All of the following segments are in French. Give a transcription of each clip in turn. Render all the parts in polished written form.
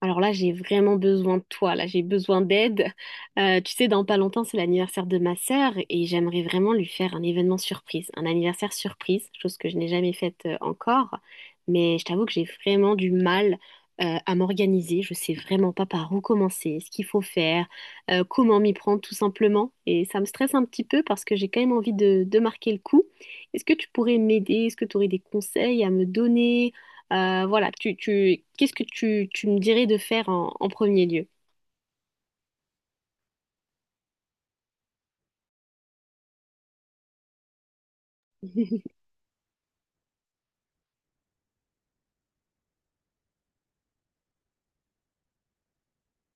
Alors là, j'ai vraiment besoin de toi, là, j'ai besoin d'aide. Tu sais, dans pas longtemps, c'est l'anniversaire de ma sœur et j'aimerais vraiment lui faire un événement surprise, un anniversaire surprise, chose que je n'ai jamais faite encore. Mais je t'avoue que j'ai vraiment du mal à m'organiser. Je sais vraiment pas par où commencer, ce qu'il faut faire, comment m'y prendre tout simplement. Et ça me stresse un petit peu parce que j'ai quand même envie de marquer le coup. Est-ce que tu pourrais m'aider? Est-ce que tu aurais des conseils à me donner? Qu'est-ce que tu me dirais de faire en premier lieu?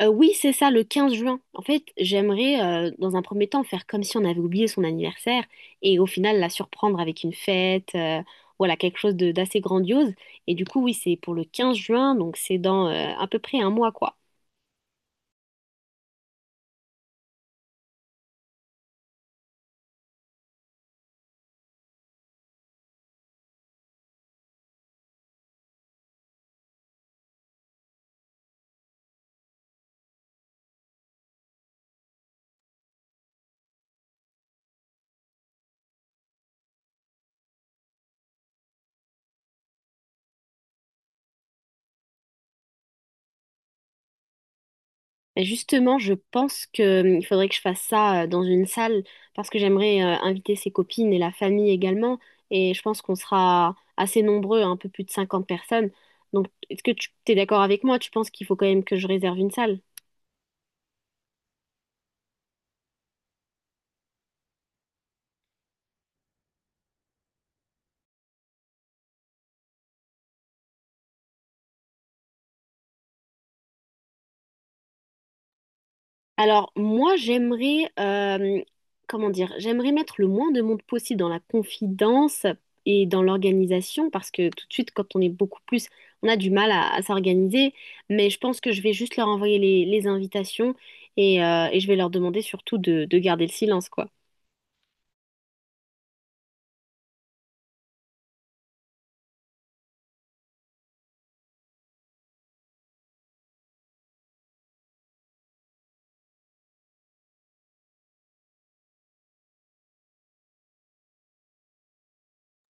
Oui, c'est ça, le 15 juin. En fait, j'aimerais dans un premier temps, faire comme si on avait oublié son anniversaire et au final la surprendre avec une fête, voilà, quelque chose de- d'assez grandiose. Et du coup, oui, c'est pour le 15 juin, donc c'est dans à peu près 1 mois, quoi. Et justement, je pense qu'il faudrait que je fasse ça dans une salle parce que j'aimerais inviter ses copines et la famille également. Et je pense qu'on sera assez nombreux, un peu plus de 50 personnes. Donc, est-ce que tu es d'accord avec moi? Tu penses qu'il faut quand même que je réserve une salle? Alors, moi, j'aimerais, comment dire, j'aimerais mettre le moins de monde possible dans la confidence et dans l'organisation parce que tout de suite, quand on est beaucoup plus, on a du mal à s'organiser. Mais je pense que je vais juste leur envoyer les invitations et je vais leur demander surtout de garder le silence, quoi.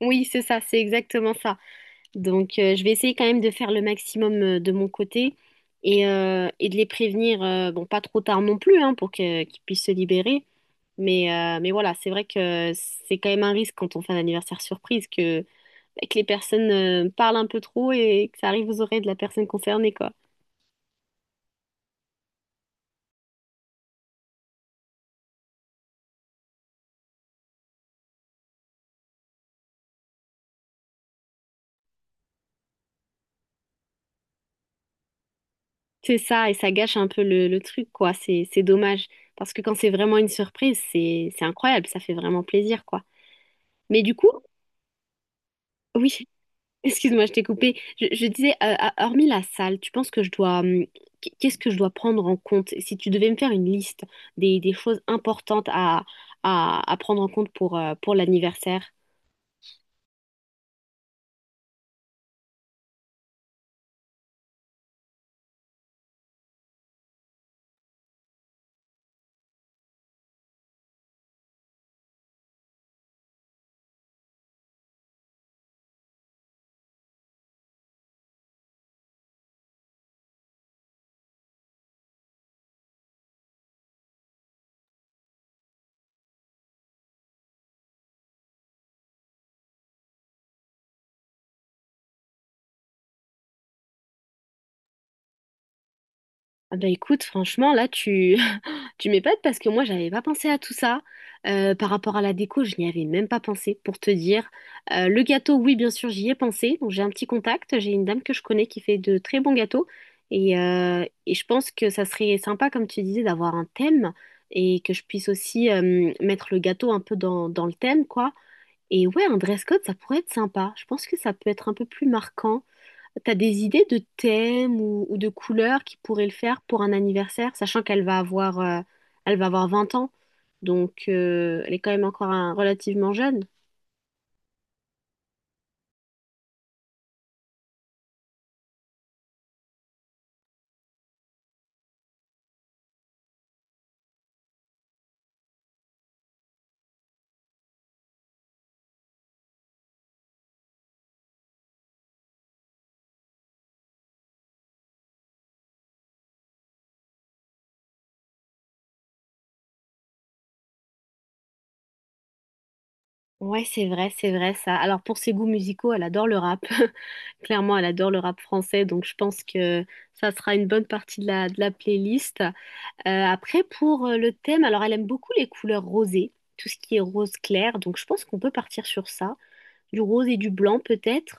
Oui, c'est ça, c'est exactement ça. Donc, je vais essayer quand même de faire le maximum de mon côté et de les prévenir, bon, pas trop tard non plus, hein, pour que- qu'ils puissent se libérer. Mais voilà, c'est vrai que c'est quand même un risque quand on fait un anniversaire surprise que, bah, que les personnes parlent un peu trop et que ça arrive aux oreilles de la personne concernée, quoi. C'est ça, et ça gâche un peu le truc, quoi. C'est dommage. Parce que quand c'est vraiment une surprise, c'est incroyable, ça fait vraiment plaisir, quoi. Mais du coup, oui. Excuse-moi, je t'ai coupé. Je disais, hormis la salle, tu penses que je dois, qu'est-ce que je dois prendre en compte? Si tu devais me faire une liste des choses importantes à prendre en compte pour l'anniversaire. Ah bah écoute, franchement, tu m'épates parce que moi, j'avais pas pensé à tout ça. Par rapport à la déco, je n'y avais même pas pensé, pour te dire. Le gâteau, oui, bien sûr, j'y ai pensé. Donc, j'ai un petit contact. J'ai une dame que je connais qui fait de très bons gâteaux. Et je pense que ça serait sympa, comme tu disais, d'avoir un thème et que je puisse aussi mettre le gâteau un peu dans le thème, quoi. Et ouais, un dress code, ça pourrait être sympa. Je pense que ça peut être un peu plus marquant. T'as des idées de thèmes ou de couleurs qui pourraient le faire pour un anniversaire, sachant qu'elle va avoir, elle va avoir 20 ans, donc elle est quand même encore un- relativement jeune. Ouais, c'est vrai ça. Alors pour ses goûts musicaux, elle adore le rap. Clairement, elle adore le rap français, donc je pense que ça sera une bonne partie de la playlist. Après, pour le thème, alors elle aime beaucoup les couleurs rosées, tout ce qui est rose clair, donc je pense qu'on peut partir sur ça. Du rose et du blanc peut-être.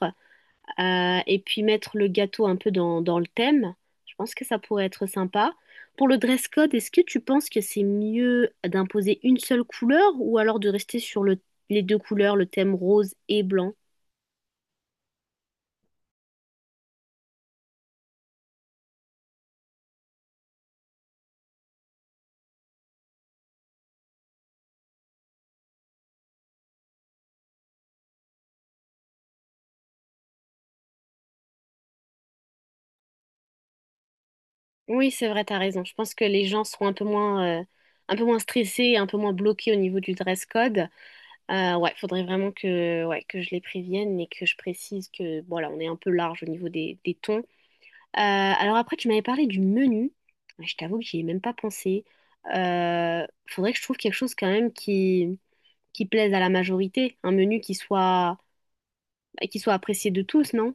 Et puis mettre le gâteau un peu dans le thème. Je pense que ça pourrait être sympa. Pour le dress code, est-ce que tu penses que c'est mieux d'imposer une seule couleur ou alors de rester sur les deux couleurs, le thème rose et blanc? Oui, c'est vrai, t'as raison. Je pense que les gens seront un peu moins stressés, un peu moins bloqués au niveau du dress code. Ouais, faudrait vraiment que, ouais, que je les prévienne et que je précise que, voilà, on est un peu large au niveau des tons. Alors après, tu m'avais parlé du menu. Je t'avoue que j'y ai même pas pensé. Faudrait que je trouve quelque chose quand même qui plaise à la majorité. Un menu qui soit, bah, qui soit apprécié de tous, non?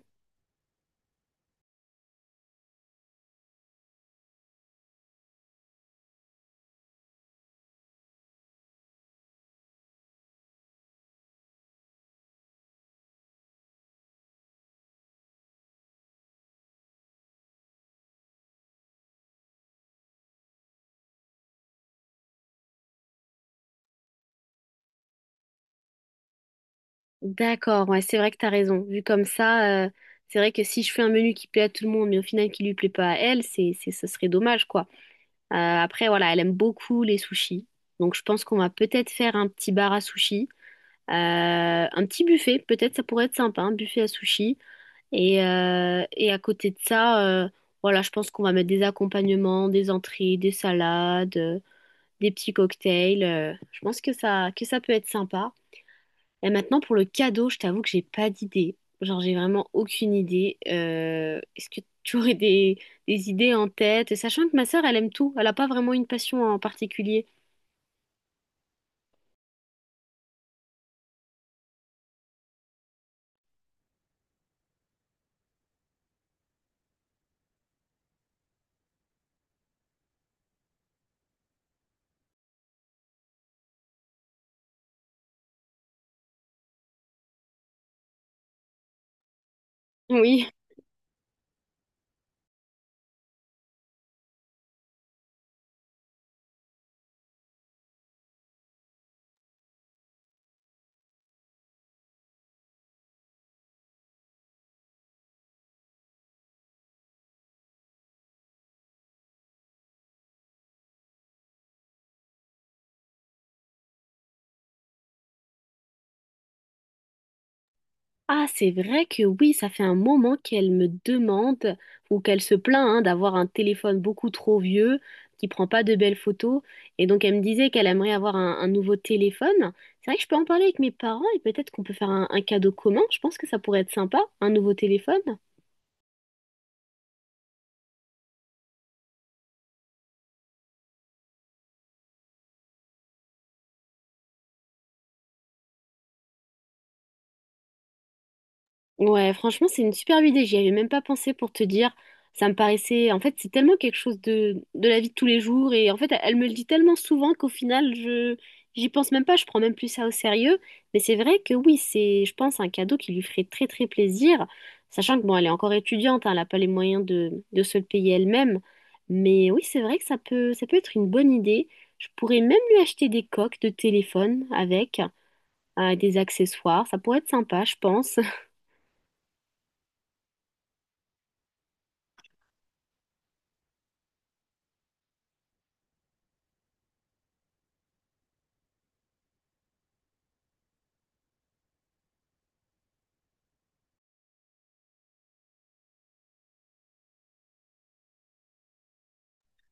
D'accord, ouais, c'est vrai que t'as raison. Vu comme ça, c'est vrai que si je fais un menu qui plaît à tout le monde, mais au final qui lui plaît pas à elle, ce serait dommage, quoi. Après, voilà, elle aime beaucoup les sushis. Donc je pense qu'on va peut-être faire un petit bar à sushis. Euh, un petit buffet, peut-être ça pourrait être sympa, un buffet à sushi. Et à côté de ça, voilà, je pense qu'on va mettre des accompagnements, des entrées, des salades, des petits cocktails. Je pense que que ça peut être sympa. Et maintenant, pour le cadeau, je t'avoue que j'ai pas d'idée. Genre, j'ai vraiment aucune idée. Est-ce que tu aurais des idées en tête? Sachant que ma sœur, elle aime tout. Elle n'a pas vraiment une passion en particulier. Oui. Ah, c'est vrai que oui, ça fait un moment qu'elle me demande ou qu'elle se plaint hein, d'avoir un téléphone beaucoup trop vieux qui prend pas de belles photos. Et donc, elle me disait qu'elle aimerait avoir un nouveau téléphone. C'est vrai que je peux en parler avec mes parents et peut-être qu'on peut faire un cadeau commun. Je pense que ça pourrait être sympa, un nouveau téléphone. Ouais, franchement, c'est une superbe idée. J'y avais même pas pensé pour te dire. Ça me paraissait. En fait, c'est tellement quelque chose de la vie de tous les jours. Et en fait, elle me le dit tellement souvent qu'au final, je j'y pense même pas. Je prends même plus ça au sérieux. Mais c'est vrai que oui, c'est, je pense, un cadeau qui lui ferait très, très plaisir. Sachant que, bon, elle est encore étudiante. Hein, elle n'a pas les moyens de se le payer elle-même. Mais oui, c'est vrai que ça peut être une bonne idée. Je pourrais même lui acheter des coques de téléphone avec, des accessoires. Ça pourrait être sympa, je pense.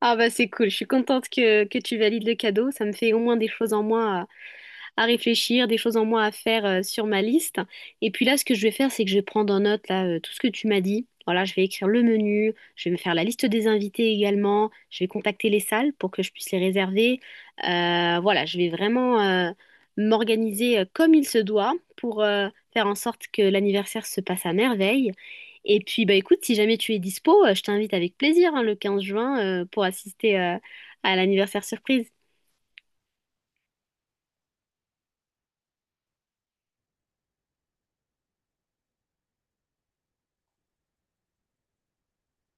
Ah bah c'est cool, je suis contente que tu valides le cadeau. Ça me fait au moins des choses en moins à réfléchir, des choses en moins à faire sur ma liste. Et puis là, ce que je vais faire, c'est que je vais prendre en note là, tout ce que tu m'as dit. Voilà, je vais écrire le menu, je vais me faire la liste des invités également, je vais contacter les salles pour que je puisse les réserver. Voilà, je vais vraiment m'organiser comme il se doit pour faire en sorte que l'anniversaire se passe à merveille. Et puis, bah écoute, si jamais tu es dispo, je t'invite avec plaisir hein, le 15 juin pour assister à l'anniversaire surprise.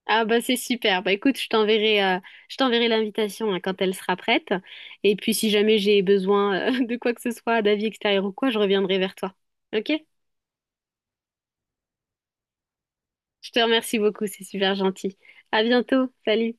Ah bah c'est super. Bah écoute, je t'enverrai l'invitation hein, quand elle sera prête. Et puis si jamais j'ai besoin de quoi que ce soit, d'avis extérieur ou quoi, je reviendrai vers toi. Ok? Je te remercie beaucoup, c'est super gentil. À bientôt. Salut.